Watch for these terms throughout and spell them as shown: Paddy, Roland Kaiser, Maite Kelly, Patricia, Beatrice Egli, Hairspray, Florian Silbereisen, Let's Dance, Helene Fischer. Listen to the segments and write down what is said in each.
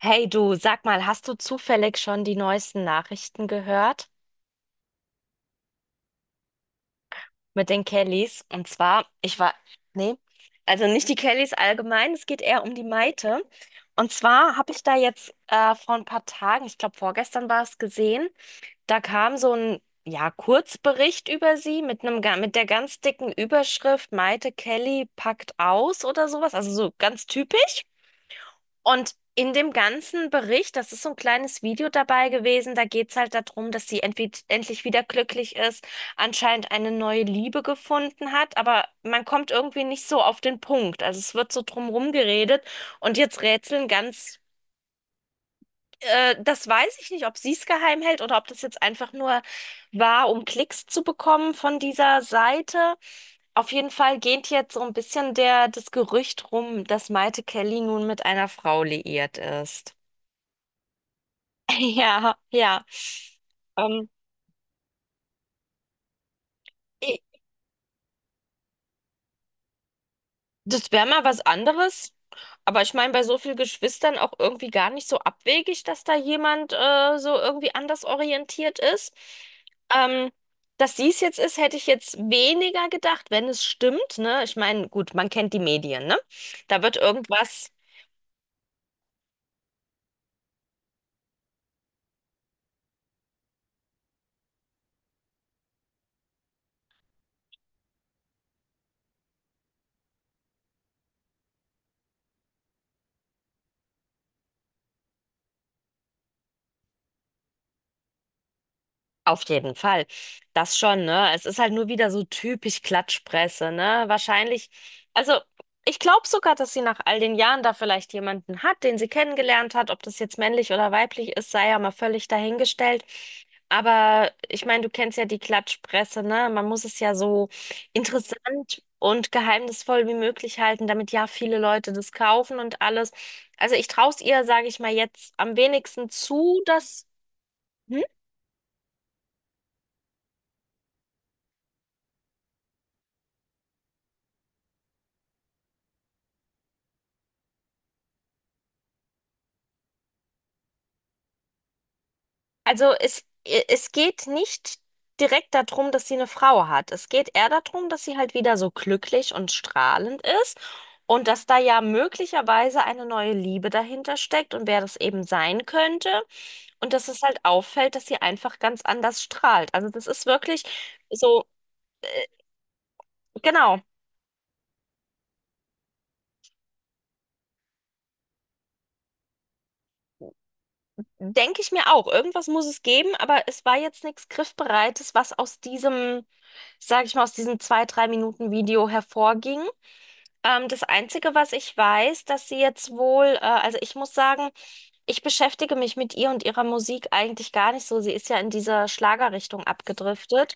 Hey du, sag mal, hast du zufällig schon die neuesten Nachrichten gehört mit den Kellys? Und zwar, nee, also nicht die Kellys allgemein, es geht eher um die Maite. Und zwar habe ich da jetzt vor ein paar Tagen, ich glaube vorgestern war es gesehen, da kam so ein, ja, Kurzbericht über sie mit mit der ganz dicken Überschrift Maite Kelly packt aus oder sowas, also so ganz typisch. Und in dem ganzen Bericht, das ist so ein kleines Video dabei gewesen, da geht's halt darum, dass sie endlich wieder glücklich ist, anscheinend eine neue Liebe gefunden hat, aber man kommt irgendwie nicht so auf den Punkt. Also es wird so drumherum geredet und jetzt rätseln ganz. Das weiß ich nicht, ob sie es geheim hält oder ob das jetzt einfach nur war, um Klicks zu bekommen von dieser Seite. Auf jeden Fall geht jetzt so ein bisschen das Gerücht rum, dass Maite Kelly nun mit einer Frau liiert ist. Ja, ja. Ähm, i- Das wäre mal was anderes. Aber ich meine, bei so vielen Geschwistern auch irgendwie gar nicht so abwegig, dass da jemand so irgendwie anders orientiert ist. Ähm, dass dies jetzt ist, hätte ich jetzt weniger gedacht, wenn es stimmt, ne? Ich meine, gut, man kennt die Medien, ne? Da wird irgendwas Auf jeden Fall. Das schon, ne? Es ist halt nur wieder so typisch Klatschpresse, ne? Wahrscheinlich, also Ich glaube sogar, dass sie nach all den Jahren da vielleicht jemanden hat, den sie kennengelernt hat. Ob das jetzt männlich oder weiblich ist, sei ja mal völlig dahingestellt. Aber ich meine, du kennst ja die Klatschpresse, ne? Man muss es ja so interessant und geheimnisvoll wie möglich halten, damit ja viele Leute das kaufen und alles. Also ich traue es ihr, sage ich mal, jetzt am wenigsten zu, dass. hm, Also es geht nicht direkt darum, dass sie eine Frau hat. Es geht eher darum, dass sie halt wieder so glücklich und strahlend ist und dass da ja möglicherweise eine neue Liebe dahinter steckt und wer das eben sein könnte. Und dass es halt auffällt, dass sie einfach ganz anders strahlt. Also das ist wirklich so, genau, denke ich mir auch. Irgendwas muss es geben, aber es war jetzt nichts Griffbereites, was aus diesem, sage ich mal, aus diesem zwei, drei Minuten Video hervorging. Das Einzige, was ich weiß, dass sie jetzt wohl, also ich muss sagen, ich beschäftige mich mit ihr und ihrer Musik eigentlich gar nicht so. Sie ist ja in dieser Schlagerrichtung abgedriftet.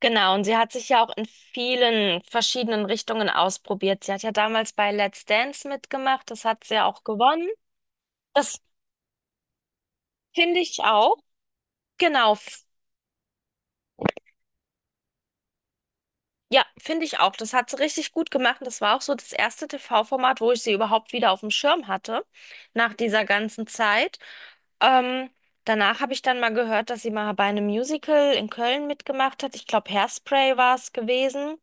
Genau, und sie hat sich ja auch in vielen verschiedenen Richtungen ausprobiert. Sie hat ja damals bei Let's Dance mitgemacht, das hat sie ja auch gewonnen. Das finde ich auch. Genau, f- ja, finde ich auch. Das hat sie richtig gut gemacht. Und das war auch so das erste TV-Format, wo ich sie überhaupt wieder auf dem Schirm hatte, nach dieser ganzen Zeit. Ähm, Danach habe ich dann mal gehört, dass sie mal bei einem Musical in Köln mitgemacht hat. Ich glaube, Hairspray war es gewesen.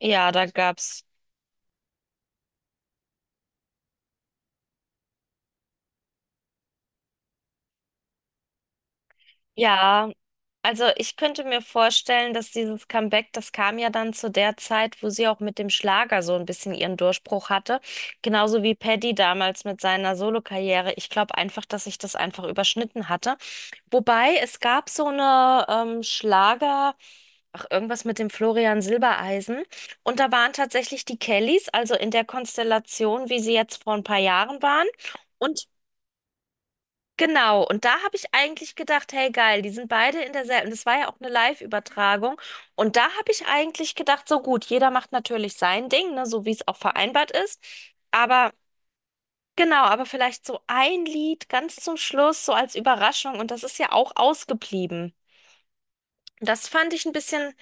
Ja, da gab's. Ja, also ich könnte mir vorstellen, dass dieses Comeback, das kam ja dann zu der Zeit, wo sie auch mit dem Schlager so ein bisschen ihren Durchbruch hatte. Genauso wie Paddy damals mit seiner Solokarriere. Ich glaube einfach, dass sich das einfach überschnitten hatte. Wobei es gab so eine Schlager. Ach, irgendwas mit dem Florian Silbereisen. Und da waren tatsächlich die Kellys, also in der Konstellation, wie sie jetzt vor ein paar Jahren waren. Und genau, und da habe ich eigentlich gedacht, hey geil, die sind beide in derselben. Das war ja auch eine Live-Übertragung. Und da habe ich eigentlich gedacht, so gut, jeder macht natürlich sein Ding, ne, so wie es auch vereinbart ist. Aber genau, aber vielleicht so ein Lied ganz zum Schluss, so als Überraschung. Und das ist ja auch ausgeblieben. Und Das fand ich ein bisschen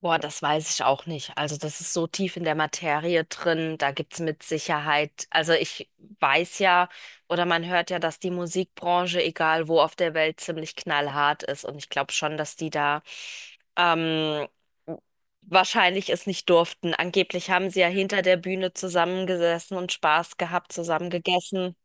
Boah, das weiß ich auch nicht. Also das ist so tief in der Materie drin, da gibt's mit Sicherheit, also ich weiß ja oder man hört ja, dass die Musikbranche, egal wo auf der Welt, ziemlich knallhart ist. Und ich glaube schon, dass die da ähm, wahrscheinlich es nicht durften. Angeblich haben sie ja hinter der Bühne zusammengesessen und Spaß gehabt, zusammen gegessen.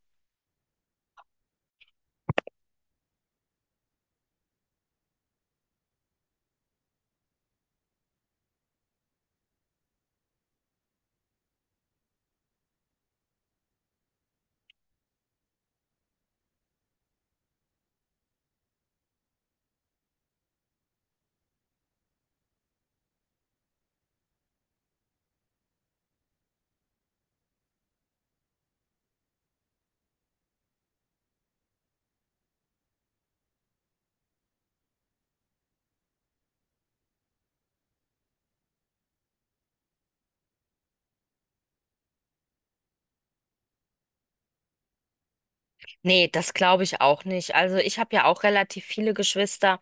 Nee, das glaube ich auch nicht. Also ich habe ja auch relativ viele Geschwister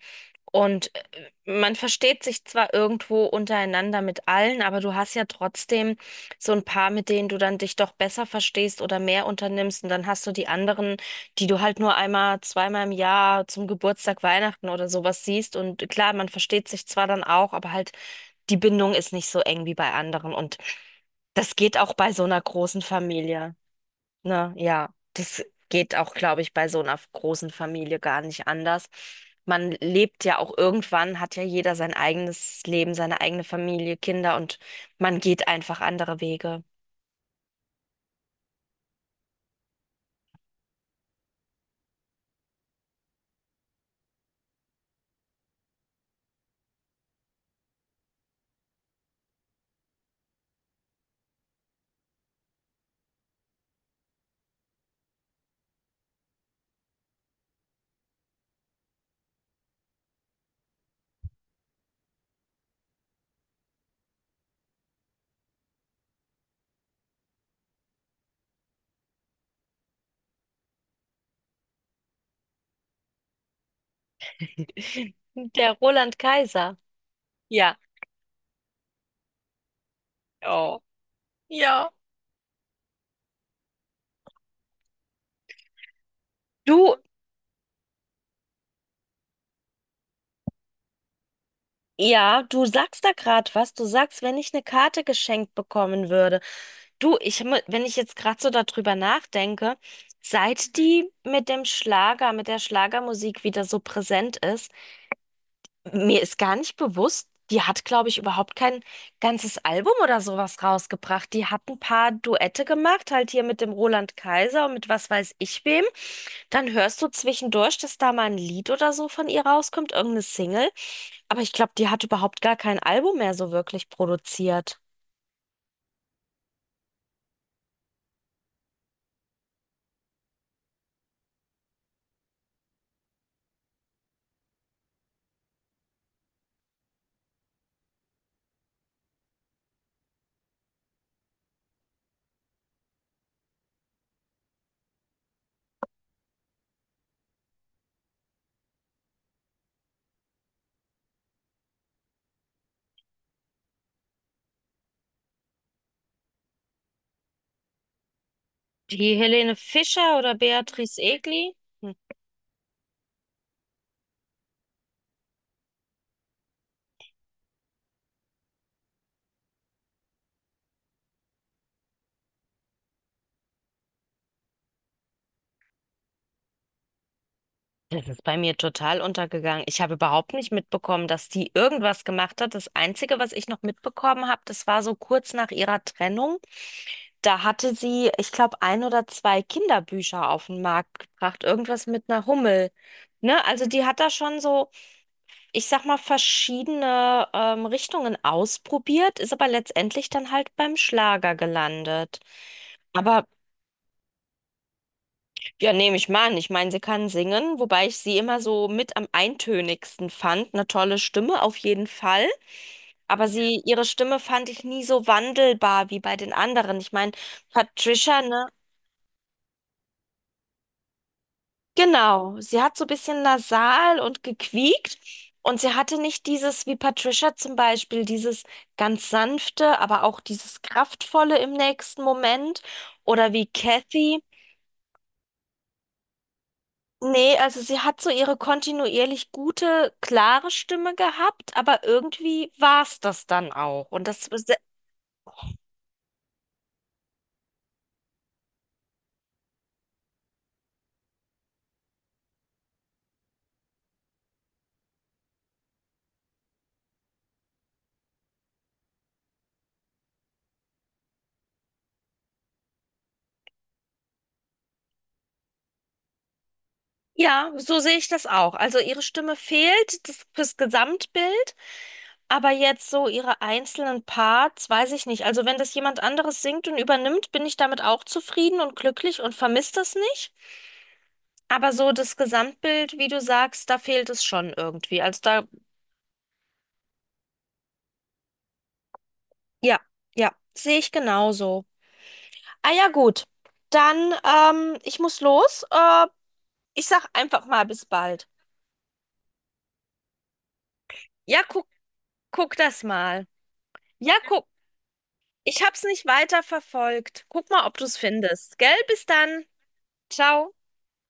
und man versteht sich zwar irgendwo untereinander mit allen, aber du hast ja trotzdem so ein paar, mit denen du dann dich doch besser verstehst oder mehr unternimmst und dann hast du die anderen, die du halt nur einmal, zweimal im Jahr zum Geburtstag, Weihnachten oder sowas siehst und klar, man versteht sich zwar dann auch, aber halt die Bindung ist nicht so eng wie bei anderen und das geht auch bei so einer großen Familie. Ne? Ja, das geht auch, glaube ich, bei so einer großen Familie gar nicht anders. Man lebt ja auch irgendwann, hat ja jeder sein eigenes Leben, seine eigene Familie, Kinder und man geht einfach andere Wege. Der Roland Kaiser. Ja. Oh, ja. Du, ja, du sagst da gerade was. Du sagst, wenn ich eine Karte geschenkt bekommen würde. Wenn ich jetzt gerade so darüber nachdenke, seit die mit dem Schlager, mit der Schlagermusik wieder so präsent ist, mir ist gar nicht bewusst, die hat, glaube ich, überhaupt kein ganzes Album oder sowas rausgebracht. Die hat ein paar Duette gemacht, halt hier mit dem Roland Kaiser und mit was weiß ich wem. Dann hörst du zwischendurch, dass da mal ein Lied oder so von ihr rauskommt, irgendeine Single. Aber ich glaube, die hat überhaupt gar kein Album mehr so wirklich produziert. Die Helene Fischer oder Beatrice Egli? Das ist bei mir total untergegangen. Ich habe überhaupt nicht mitbekommen, dass die irgendwas gemacht hat. Das Einzige, was ich noch mitbekommen habe, das war so kurz nach ihrer Trennung. Da hatte sie, ich glaube, ein oder zwei Kinderbücher auf den Markt gebracht. Irgendwas mit einer Hummel. Ne? Also die hat da schon so, ich sag mal, verschiedene Richtungen ausprobiert, ist aber letztendlich dann halt beim Schlager gelandet. Aber ja, nehme ich mal an. Ich meine, sie kann singen, wobei ich sie immer so mit am eintönigsten fand. Eine tolle Stimme auf jeden Fall. Aber sie, ihre Stimme fand ich nie so wandelbar wie bei den anderen. Ich meine, Patricia, ne? Genau, sie hat so ein bisschen nasal und gequiekt. Und sie hatte nicht dieses, wie Patricia zum Beispiel, dieses ganz sanfte, aber auch dieses kraftvolle im nächsten Moment. Oder wie Kathy. Nee, also sie hat so ihre kontinuierlich gute, klare Stimme gehabt, aber irgendwie war es das dann auch. Und das, ja, so sehe ich das auch. Also ihre Stimme fehlt das fürs Gesamtbild, aber jetzt so ihre einzelnen Parts, weiß ich nicht. Also wenn das jemand anderes singt und übernimmt, bin ich damit auch zufrieden und glücklich und vermisse das nicht. Aber so das Gesamtbild, wie du sagst, da fehlt es schon irgendwie. Also da, ja, ja, sehe ich genauso. Ah ja, gut. Dann ich muss los. Ich sag einfach mal bis bald. Ja, guck, guck das mal. Ja, guck. Ich hab's nicht weiter verfolgt. Guck mal, ob du's findest. Gell? Bis dann. Ciao.